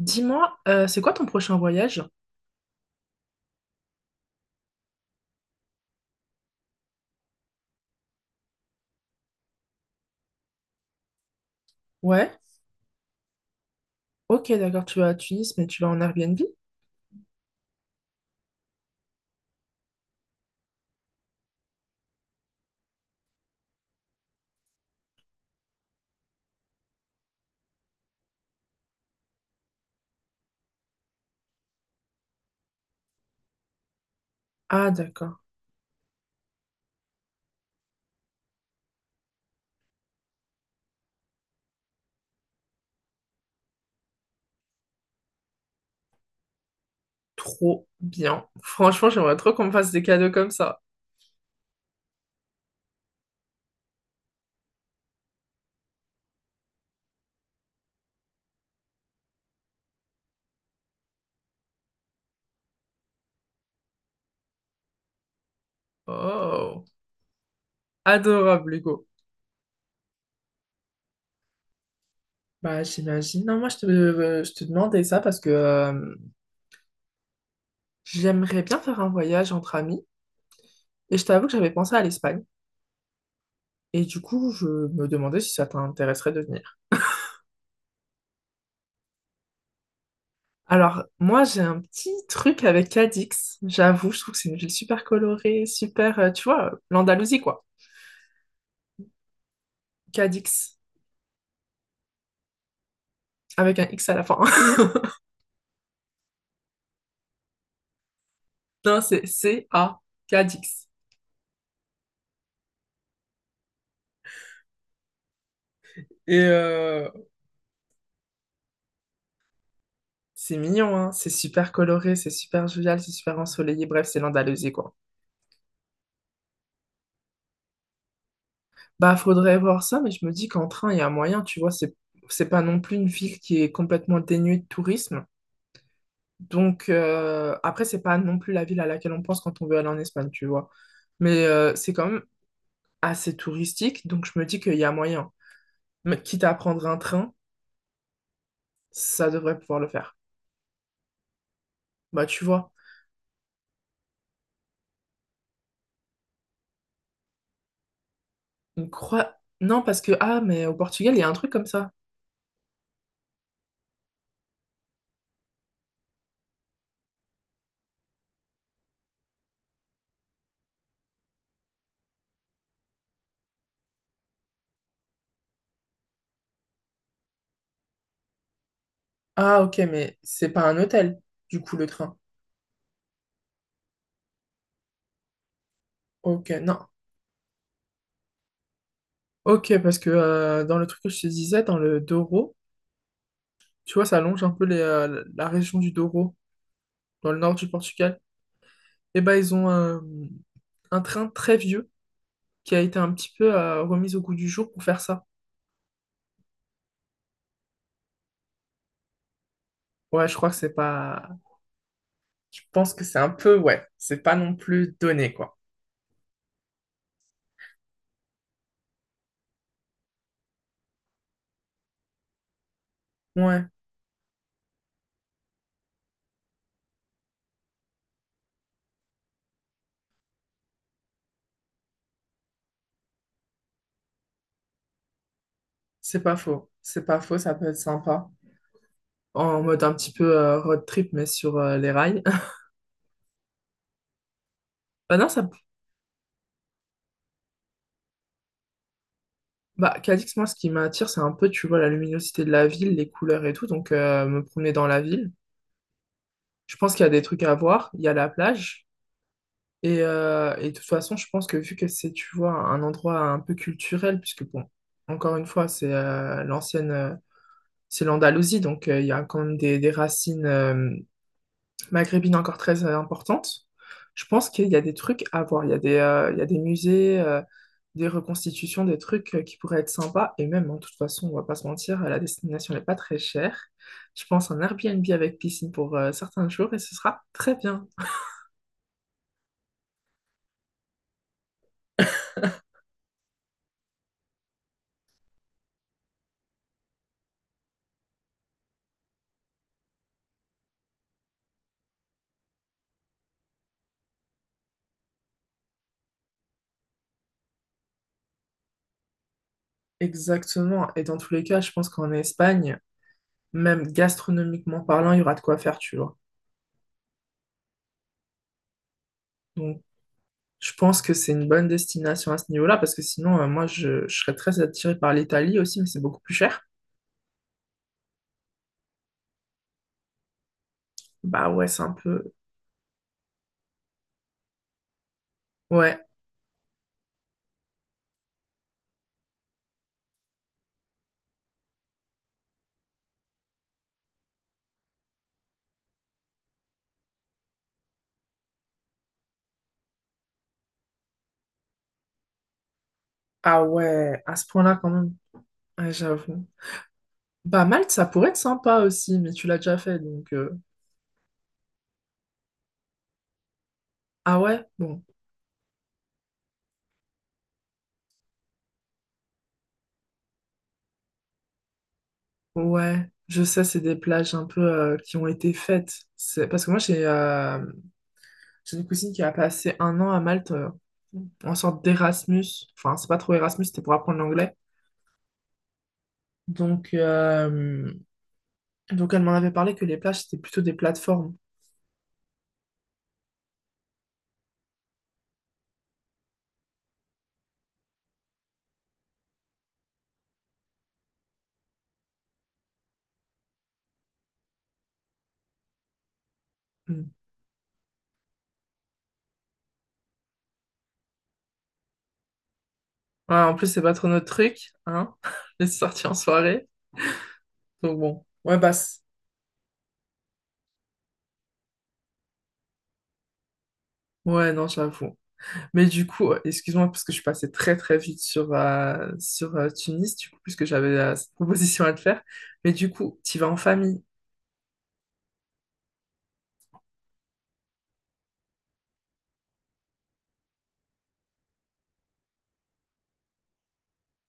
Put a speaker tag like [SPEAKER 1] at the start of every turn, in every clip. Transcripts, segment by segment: [SPEAKER 1] Dis-moi, c'est quoi ton prochain voyage? Ouais, ok, d'accord, tu vas à Tunis, mais tu vas en Airbnb? Ah, d'accord, trop bien. Franchement, j'aimerais trop qu'on me fasse des cadeaux comme ça. Oh, adorable, Hugo. Bah, j'imagine. Non, moi, je te demandais ça parce que j'aimerais bien faire un voyage entre amis et je t'avoue que j'avais pensé à l'Espagne. Et du coup, je me demandais si ça t'intéresserait de venir. Alors, moi, j'ai un petit truc avec Cadix. J'avoue, je trouve que c'est une ville super colorée, super, tu vois, l'Andalousie, quoi. Cadix, avec un X à la fin. Non, c'est C-A, Cadix. Et euh, c'est mignon, hein, c'est super coloré, c'est super jovial, c'est super ensoleillé, bref, c'est l'Andalousie, quoi. Bah, faudrait voir ça, mais je me dis qu'en train, il y a moyen, tu vois, c'est pas non plus une ville qui est complètement dénuée de tourisme. Donc, après, c'est pas non plus la ville à laquelle on pense quand on veut aller en Espagne, tu vois. Mais c'est quand même assez touristique, donc je me dis qu'il y a moyen. Mais quitte à prendre un train, ça devrait pouvoir le faire. Bah, tu vois, une croix... Non, parce que, ah, mais au Portugal, il y a un truc comme ça. Ah, ok, mais c'est pas un hôtel, du coup, le train. Ok, non. Ok, parce que dans le truc que je te disais, dans le Douro, tu vois, ça longe un peu la région du Douro, dans le nord du Portugal. Et ben, un train très vieux qui a été un petit peu remis au goût du jour pour faire ça. Ouais, je crois que c'est pas... Je pense que c'est un peu, ouais, c'est pas non plus donné, quoi. Ouais, c'est pas faux. C'est pas faux, ça peut être sympa. En mode un petit peu road trip, mais sur les rails. Bah non, ça, bah, Cadix, moi, ce qui m'attire, c'est un peu, tu vois, la luminosité de la ville, les couleurs et tout. Donc, me promener dans la ville. Je pense qu'il y a des trucs à voir. Il y a la plage. Et de toute façon, je pense que vu que c'est, tu vois, un endroit un peu culturel, puisque, bon, encore une fois, c'est l'Andalousie. Donc, il y a quand même des racines, maghrébine encore très importante. Je pense qu'il y a des trucs à voir. Il y a il y a des musées, des reconstitutions, des trucs qui pourraient être sympas. Et même, hein, de toute façon, on va pas se mentir, la destination n'est pas très chère. Je pense un Airbnb avec piscine pour certains jours et ce sera très bien. Exactement. Et dans tous les cas, je pense qu'en Espagne, même gastronomiquement parlant, il y aura de quoi faire, tu vois. Donc, je pense que c'est une bonne destination à ce niveau-là parce que sinon, je serais très attirée par l'Italie aussi, mais c'est beaucoup plus cher. Bah ouais, c'est un peu, ouais. Ah ouais, à ce point-là quand même. Ouais, j'avoue. Bah Malte, ça pourrait être sympa aussi, mais tu l'as déjà fait, donc... Ah ouais? Bon. Ouais. Je sais, c'est des plages un peu qui ont été faites. C'est... Parce que moi, j'ai une cousine qui a passé un an à Malte en sorte d'Erasmus. Enfin, c'est pas trop Erasmus, c'était pour apprendre l'anglais. Donc, donc elle m'en avait parlé que les plages, c'était plutôt des plateformes. Mm. Ouais, en plus, c'est pas trop notre truc, hein, les sorties en soirée. Donc bon, ouais, basse. Ouais, non, j'avoue. Mais du coup, excuse-moi, parce que je suis passée très très vite sur Tunis, du coup, puisque j'avais cette proposition à te faire. Mais du coup, tu vas en famille.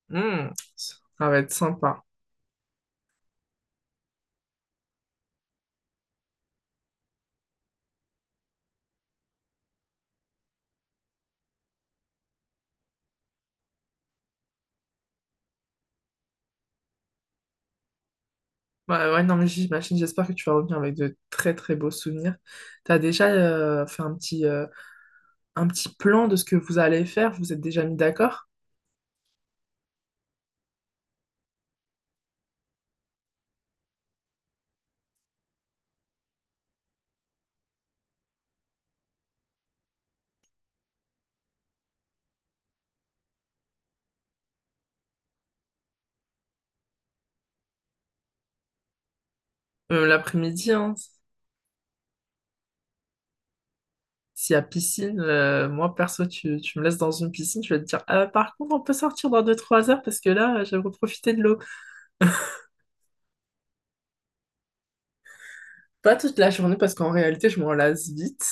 [SPEAKER 1] Hmm, ça va être sympa. Ouais, ouais, non, mais j'imagine, j'espère que tu vas revenir avec de très très beaux souvenirs. T'as déjà fait un un petit plan de ce que vous allez faire? Vous êtes déjà mis d'accord? Même l'après-midi, hein, s'il y a piscine, moi perso, tu me laisses dans une piscine, je vais te dire, ah, par contre, on peut sortir dans deux trois heures parce que là, j'aimerais profiter de l'eau. Pas toute la journée parce qu'en réalité, je m'en lasse vite.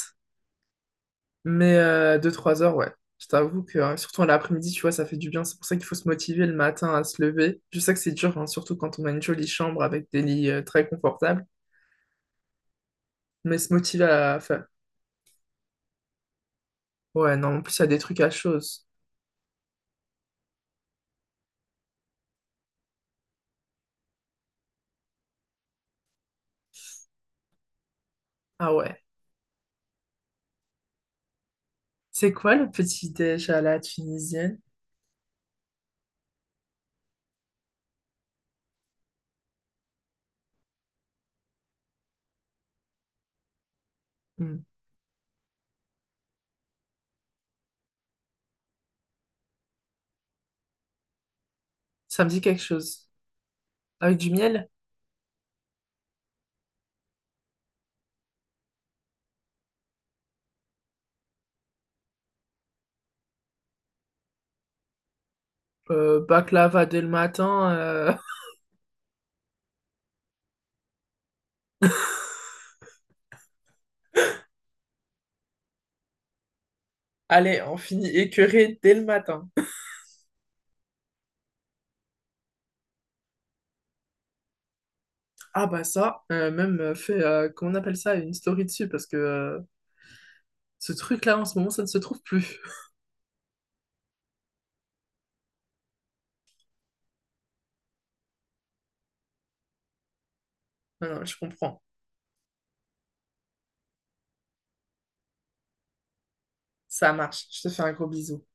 [SPEAKER 1] Mais 2-3 heures, ouais. Je t'avoue que, surtout à l'après-midi, tu vois, ça fait du bien. C'est pour ça qu'il faut se motiver le matin à se lever. Je sais que c'est dur, hein, surtout quand on a une jolie chambre avec des lits très confortables. Mais se motiver à faire. Ouais, non, en plus, il y a des trucs à chose. Ah ouais. C'est quoi le petit déj à la tunisienne? Hmm. Ça me dit quelque chose. Avec du miel? Baklava dès le matin. Allez, on finit écœuré dès le matin. Ah bah ça, même fait, comment on appelle ça, une story dessus, parce que ce truc-là, en ce moment, ça ne se trouve plus. Non, non, je comprends. Ça marche. Je te fais un gros bisou.